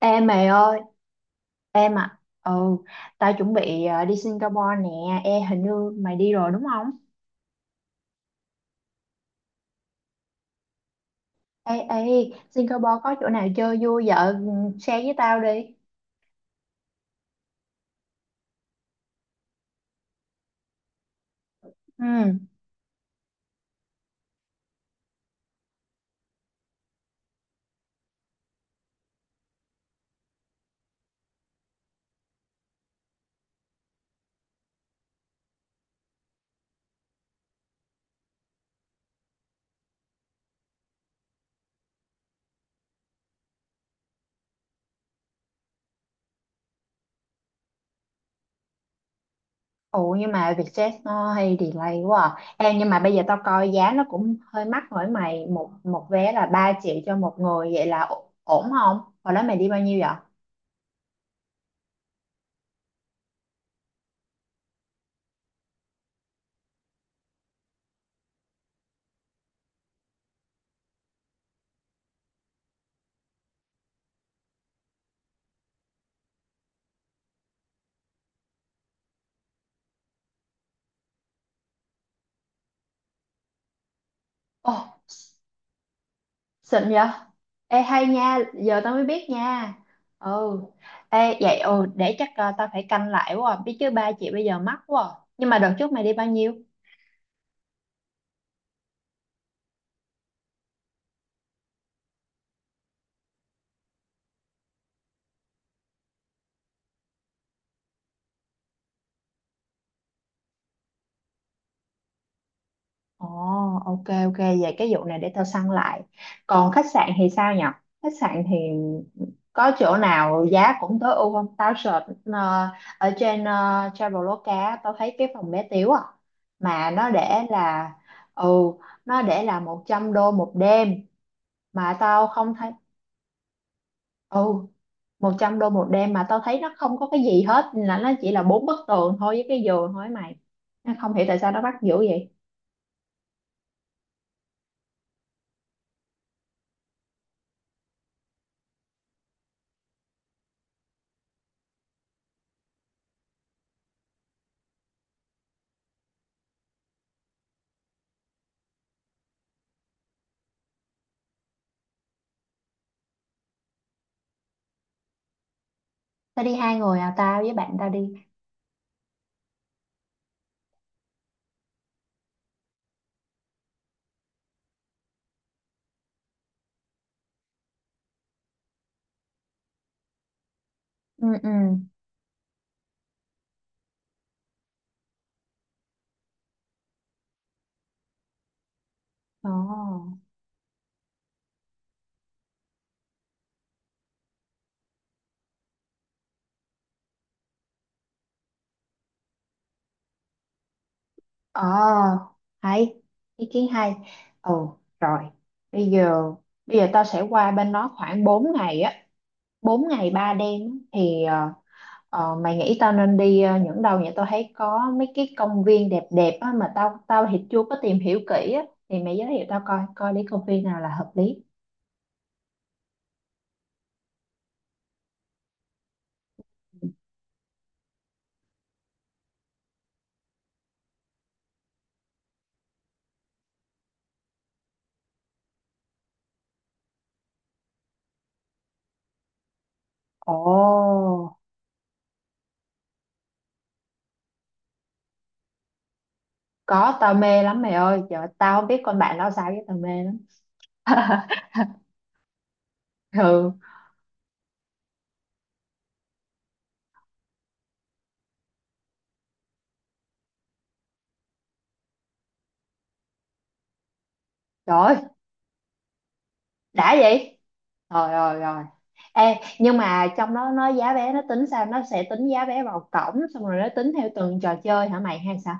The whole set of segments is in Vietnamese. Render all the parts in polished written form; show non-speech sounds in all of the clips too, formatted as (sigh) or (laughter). Em mày ơi, em à. Ừ, tao chuẩn bị đi Singapore nè. Ê, hình như mày đi rồi đúng không? Ê, ê, Singapore có chỗ nào chơi vui vậy? Ừ, share với tao đi. Ừ. Ủa nhưng mà Vietjet nó hay delay quá à. Em nhưng mà bây giờ tao coi giá nó cũng hơi mắc rồi mày. Một một vé là 3 triệu cho một người vậy là ổn không? Hồi đó mày đi bao nhiêu vậy? Ồ, xịn vậy? Ê hay nha, giờ tao mới biết nha. Ừ. Ê vậy ừ để chắc tao phải canh lại quá. À. Biết chứ ba chị bây giờ mắc quá. À. Nhưng mà đợt trước mày đi bao nhiêu? Ồ, ok ok vậy cái vụ này để tao săn lại. Còn khách sạn thì sao nhở? Khách sạn thì có chỗ nào giá cũng tối ưu không? Tao search ở trên Traveloka á, tao thấy cái phòng bé tiếu à mà nó để là ừ nó để là 100 đô một đêm mà tao không thấy ừ 100 đô một đêm mà tao thấy nó không có cái gì hết, là nó chỉ là bốn bức tường thôi với cái giường thôi ấy mày, nó không hiểu tại sao nó bắt dữ vậy. Tao đi hai người à, tao với bạn tao đi. Ừ, ừ. Ồ. Ồ hay, ý kiến hay. Ồ rồi, bây giờ bây giờ tao sẽ qua bên đó khoảng 4 ngày á, 4 ngày 3 đêm á. Thì ờ, mày nghĩ tao nên đi những đâu nhỉ? Tao thấy có mấy cái công viên đẹp đẹp á, mà tao tao thì chưa có tìm hiểu kỹ á. Thì mày giới thiệu tao coi coi đi công viên nào là hợp lý. Ồ, có, tao mê lắm mày ơi. Trời ơi, tao không biết con bạn tao sao chứ tao mê lắm. (laughs) Ừ, trời ơi, đã vậy. Rồi rồi rồi. Ê, nhưng mà trong đó nó giá vé nó tính sao? Nó sẽ tính giá vé vào cổng xong rồi nó tính theo từng trò chơi hả mày hay sao?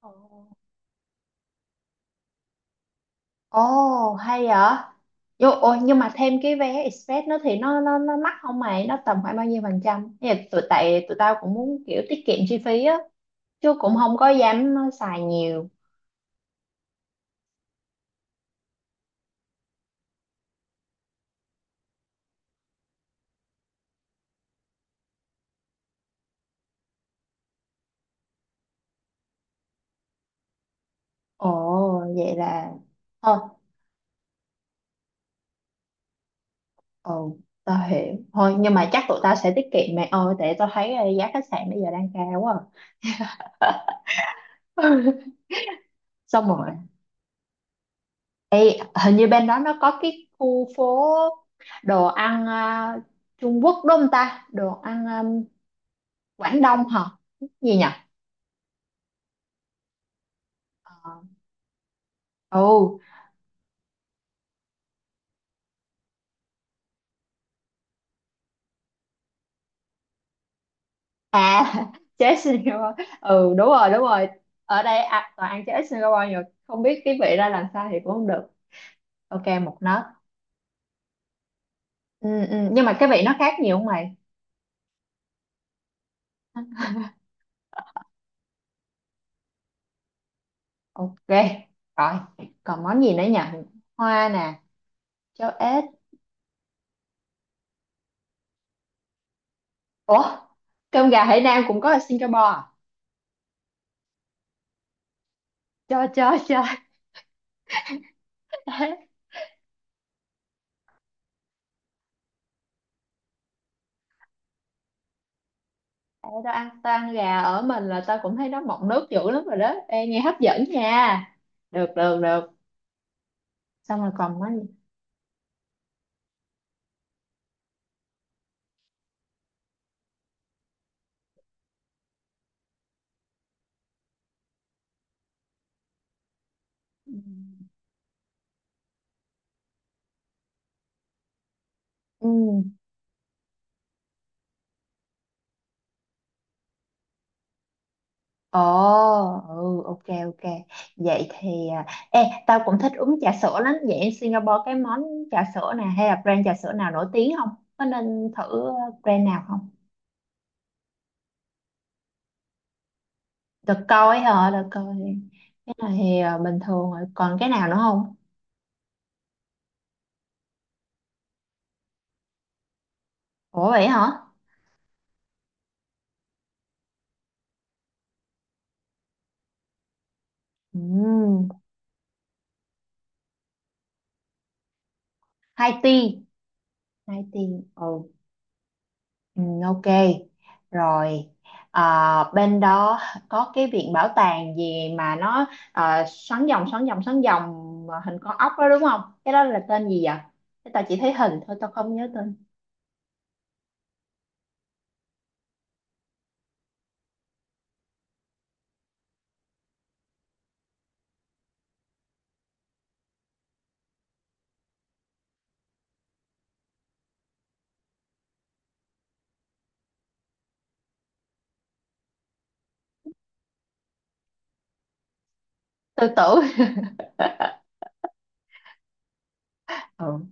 Ồ. Ồ, hay vậy. Vô, ôi, nhưng mà thêm cái vé express nó thì nó mắc không mày? Nó tầm khoảng bao nhiêu phần trăm? Thì tại tụi tao cũng muốn kiểu tiết kiệm chi phí á, chứ cũng không có dám xài nhiều. Ồ, vậy là thôi. Ồ, tao hiểu. Thôi, nhưng mà chắc tụi tao sẽ tiết kiệm mày ơi, tại tao thấy giá khách sạn bây giờ đang cao quá. À. (laughs) Xong rồi, hình như bên đó nó có cái khu phố đồ ăn à, Trung Quốc đúng không ta? Đồ ăn à, Quảng Đông hả? Gì nhỉ? Ờ. Ồ, à. (laughs) Chế Singapore. Ừ đúng rồi, đúng rồi. Ở đây à, toàn ăn chế Singapore nhiều, không biết cái vị ra làm sao thì cũng không được. Ok, một nấc. Ừ, ừ. Nhưng mà cái vị nó khác nhiều không mày? Ok. Rồi, còn món gì nữa nhỉ? Hoa nè, cháo ếch. Ủa, cơm gà Hải Nam cũng có ở Singapore à? Cho cho. (laughs) Ê, tao ăn gà ở mình là tao cũng thấy nó mọng nước dữ lắm rồi đó. Ê, nghe hấp dẫn nha. Được được được. Xong rồi còn món gì? Ừ. Ồ, ừ, ok, ok. Vậy thì, à, ê, tao cũng thích uống trà sữa lắm. Vậy ở Singapore cái món trà sữa nè hay là brand trà sữa nào nổi tiếng không? Có nên thử brand nào không? Được coi hả, được coi. Cái này thì à, bình thường rồi. Còn cái nào nữa không? Ủa vậy hả? Ừ, hai tea, hai tea. Ừ. Ừ, ok rồi, à, bên đó có cái viện bảo tàng gì mà nó à, xoắn vòng xoắn vòng xoắn vòng mà hình con ốc đó đúng không, cái đó là tên gì vậy? Cái tao chỉ thấy hình thôi tao không nhớ tên. Sư tử. (laughs) Ừ,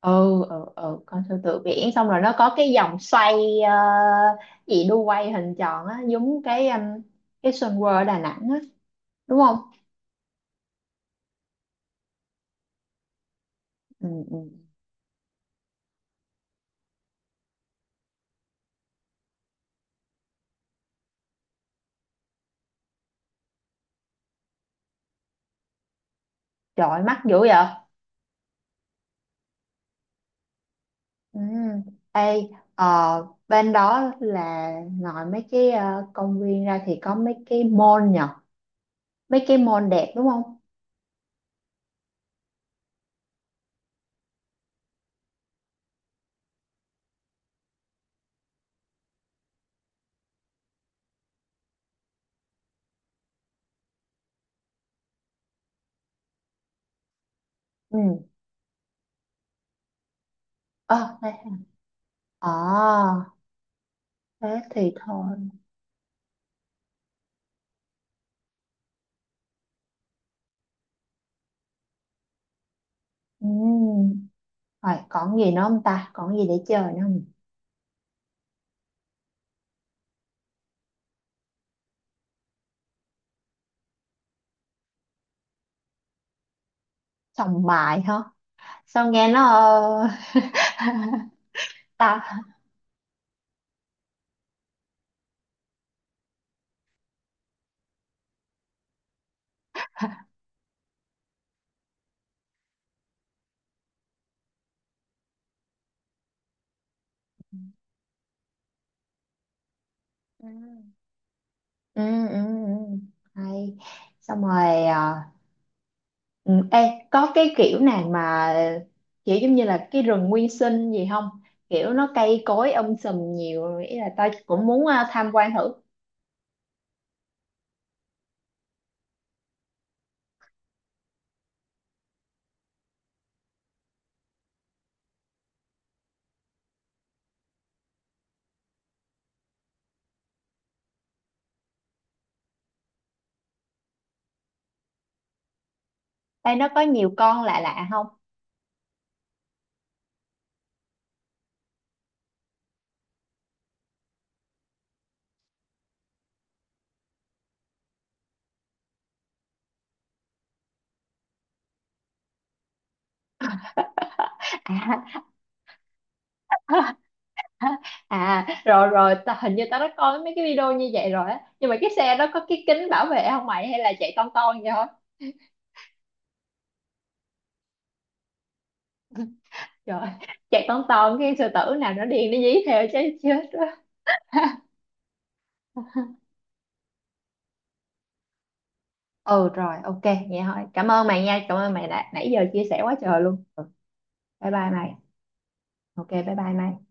ừ. Ừ, ừ. Con sư tử biển xong rồi nó có cái vòng xoay ờ, gì đu quay hình tròn á, giống cái Sun World Đà Nẵng á, đúng không? Ừ, ừ. Trời ơi, mắc dữ vậy. Ừ. Ê, ờ, bên đó là ngoài mấy cái công viên ra thì có mấy cái mall nhở. Mấy cái mall đẹp đúng không? Ừ. Ờ, đây. Ờ, thế thì thôi. Ừ. Rồi, còn gì nữa không ta? Còn gì để chơi nữa không? Sòng bài hả? Sao nghe nó... (laughs) ta... Ừ. Ừ, ừ, ừ. Hay. Xong rồi... ừ, ê, có cái kiểu nào mà kiểu giống như là cái rừng nguyên sinh gì không? Kiểu nó cây cối sùm nhiều, ý là tao cũng muốn tham quan thử. Ê, nó có nhiều con lạ lạ không? À. (laughs) À rồi rồi, tao, hình như tao đã coi mấy cái video như vậy rồi á. Nhưng mà cái xe đó có cái kính bảo vệ không mày? Hay là chạy ton ton vậy thôi? (laughs) Rồi, chạy ton ton cái sư tử nào nó điên nó dí theo chứ chết đó. Ừ rồi, ok, vậy thôi. Cảm ơn mày nha, cảm ơn mày đã nãy giờ chia sẻ quá trời luôn. Bye bye mày. Ok, bye bye mày.